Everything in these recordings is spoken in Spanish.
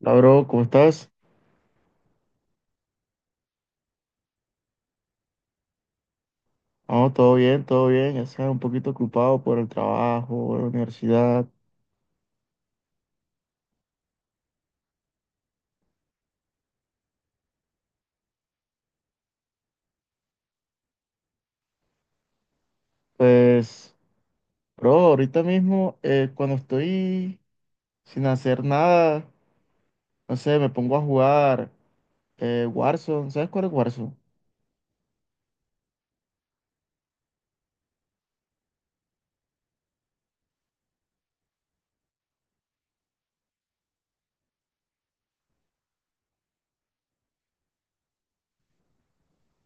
Hola, bro, ¿cómo estás? No, todo bien, todo bien. Ya sea un poquito ocupado por el trabajo, la universidad. Pues, bro, ahorita mismo, cuando estoy sin hacer nada, no sé, me pongo a jugar Warzone. ¿Sabes cuál es Warzone?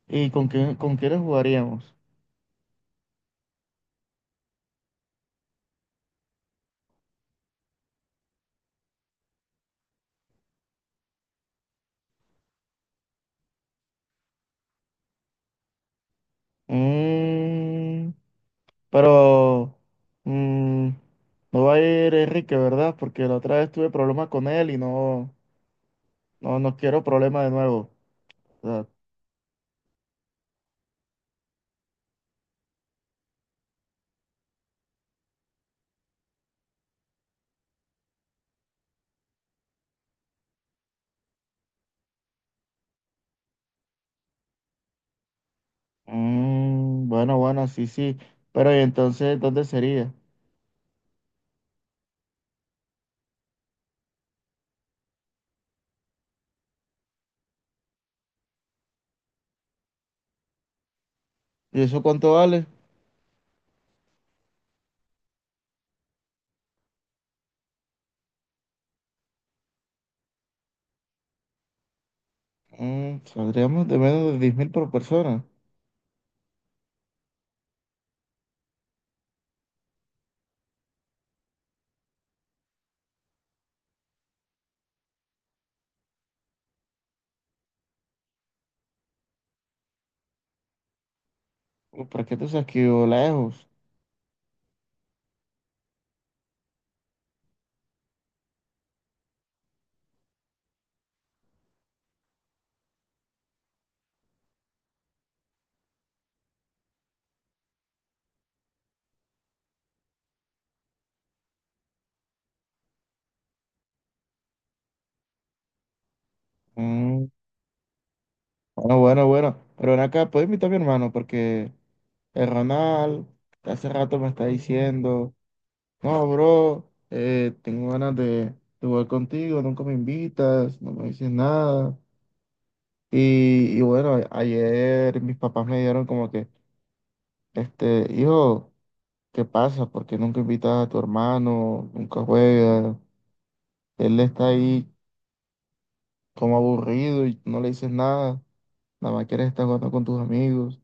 ¿Y con quién, con quiénes jugaríamos? Mm, pero mm, no va a ir Enrique, ¿verdad? Porque la otra vez tuve problemas con él y no, no, no quiero problemas de nuevo. Mm, bueno, bueno, sí, sí. Pero ¿y entonces dónde sería? ¿Y eso cuánto vale? Mm, saldríamos de menos de 10.000 por persona. Uy, ¿para qué? Tú sabes que yo lejos. Mm, bueno, bueno, bueno. Pero ven acá, puedes invitar a mi hermano porque el Ronald hace rato me está diciendo, no, bro, tengo ganas de jugar contigo, nunca me invitas, no me dices nada. Y bueno, ayer mis papás me dieron como que, este, hijo. ¿Qué pasa? ¿Por qué nunca invitas a tu hermano? Nunca juega. Él está ahí como aburrido y no le dices nada. Nada más quieres estar jugando con tus amigos.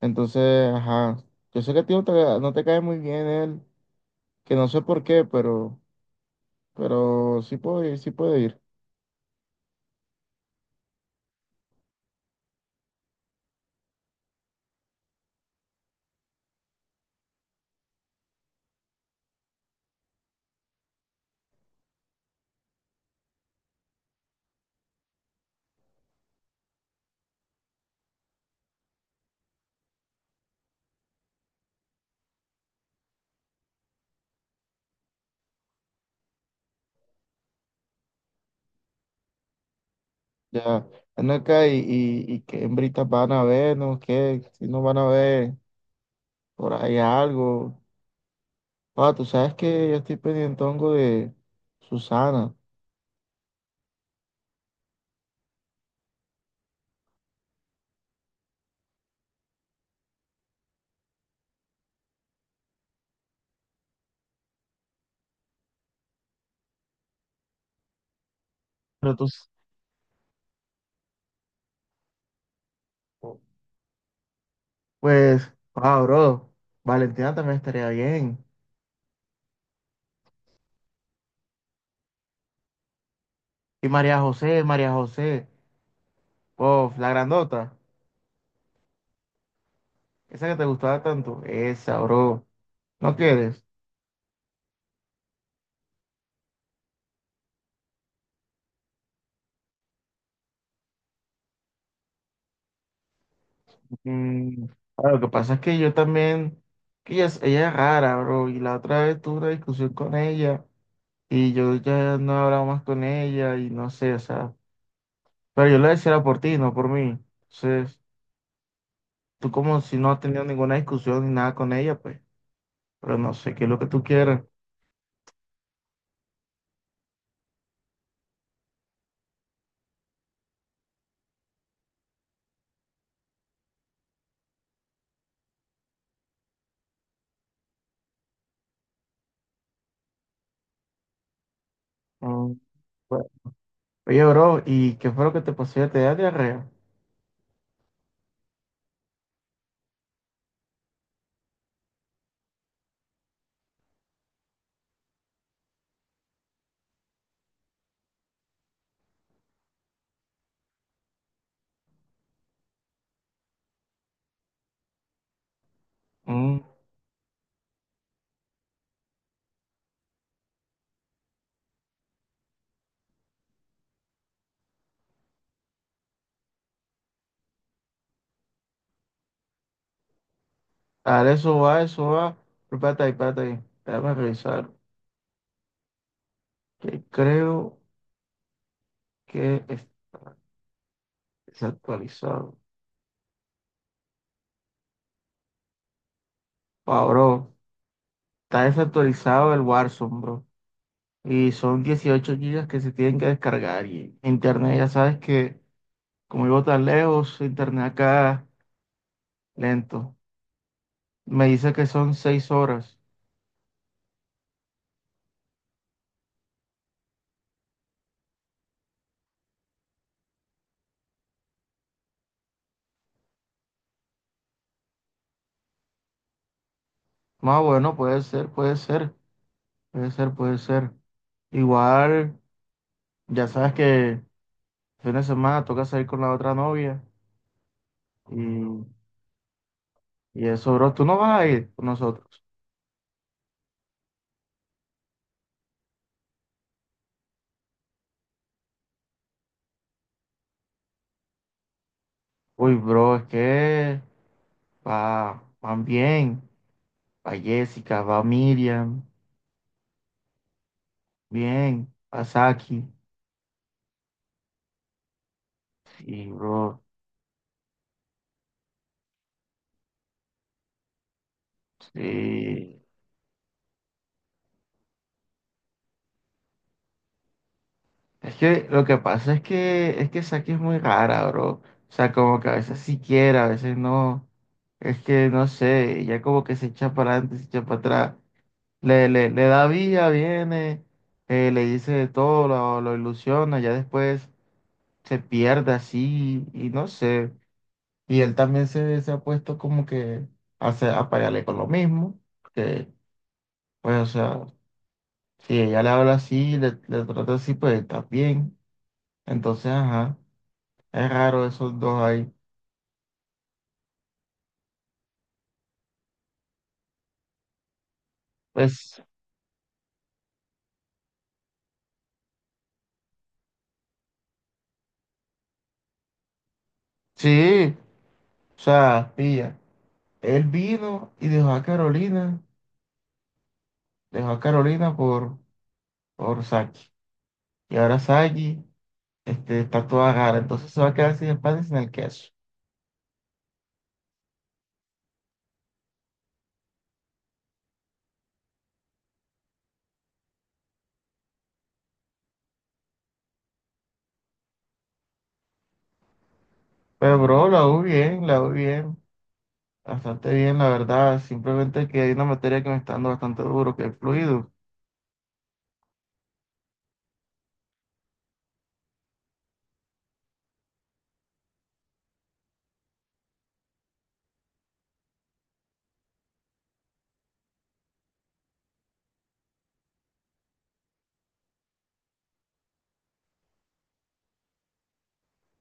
Entonces, ajá. Yo sé que a ti no te, no te cae muy bien él, que no sé por qué, pero sí puedo ir, sí puedo ir. Ya, ven acá y qué hembritas van a ver, ¿no? ¿Qué? Si no van a ver por ahí algo. Ah, tú sabes que yo estoy pendiente hongo de Susana. Pero tú, pues, wow, bro, Valentina también estaría bien. Y María José, María José, oh, la grandota, esa que te gustaba tanto, esa, bro, ¿no quieres? Mm, ah, lo que pasa es que yo también, que ella es rara, bro, y la otra vez tuve una discusión con ella y yo ya no he hablado más con ella y no sé, o sea, pero yo lo decía era por ti, no por mí. Entonces, tú como si no has tenido ninguna discusión ni nada con ella, pues, pero no sé qué es lo que tú quieras. Mm, oye, bro, ¿y qué fue lo que te pasó? ¿Ya? ¿Te da diarrea? Mm, dale, eso va, eso va. Pero espérate ahí, espérate ahí. Déjame revisar. Que creo que es desactualizado. Ah, bro, está desactualizado el Warzone, bro. Y son 18 gigas que se tienen que descargar. Y internet, ya sabes que como vivo tan lejos, internet acá lento. Me dice que son 6 horas. Más bueno, puede ser, puede ser, puede ser, puede ser. Igual, ya sabes que fin de semana toca salir con la otra novia y, y eso, bro, tú no vas a ir con nosotros. Uy, bro, es que va, van bien, va Jessica, va Miriam, bien, va Saki. Y, bro, sí. Es que lo que pasa es que Saki es muy rara, bro. O sea, como que a veces sí quiere, a veces no. Es que no sé, ya como que se echa para adelante, se echa para atrás. Le da vía viene, le dice de todo, lo ilusiona, ya después se pierde así y no sé. Y él también se ha puesto como que a pelearle con lo mismo, que pues o sea, si ella le habla así, le trata así, pues está bien. Entonces, ajá, es raro esos dos ahí. Pues sí, o sea, pilla. Él vino y dejó a Carolina por Saki. Y ahora Saki. Este, está toda rara, entonces se va a quedar sin el pan y sin el queso. Pero, bro, la U bien, bastante bien, la verdad. Simplemente que hay una materia que me está dando bastante duro, que es fluido.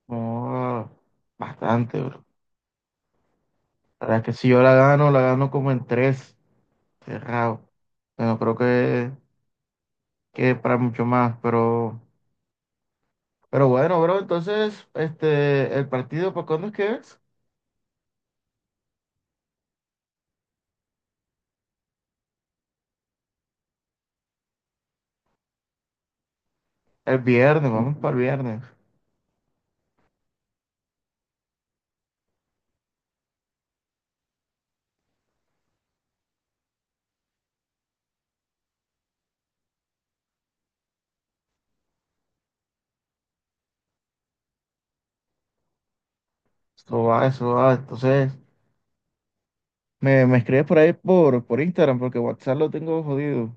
Oh, bastante, bro. La verdad que si yo la gano como en tres, cerrado. Bueno, creo que para mucho más, pero bueno, bro, entonces, este, el partido, ¿para cuándo es que es? El viernes, vamos para el viernes. Eso va, eso va. Entonces. Me escribes por ahí por Instagram, porque WhatsApp lo tengo jodido.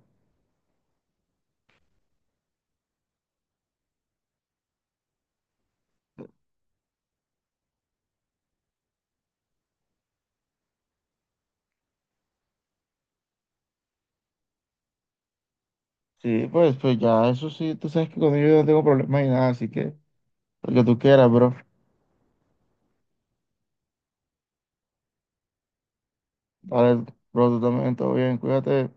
Sí, pues, pues ya, eso sí, tú sabes que conmigo yo no tengo problemas ni nada, así que lo que tú quieras, bro. Dale, bro, tú también, todo bien, cuídate.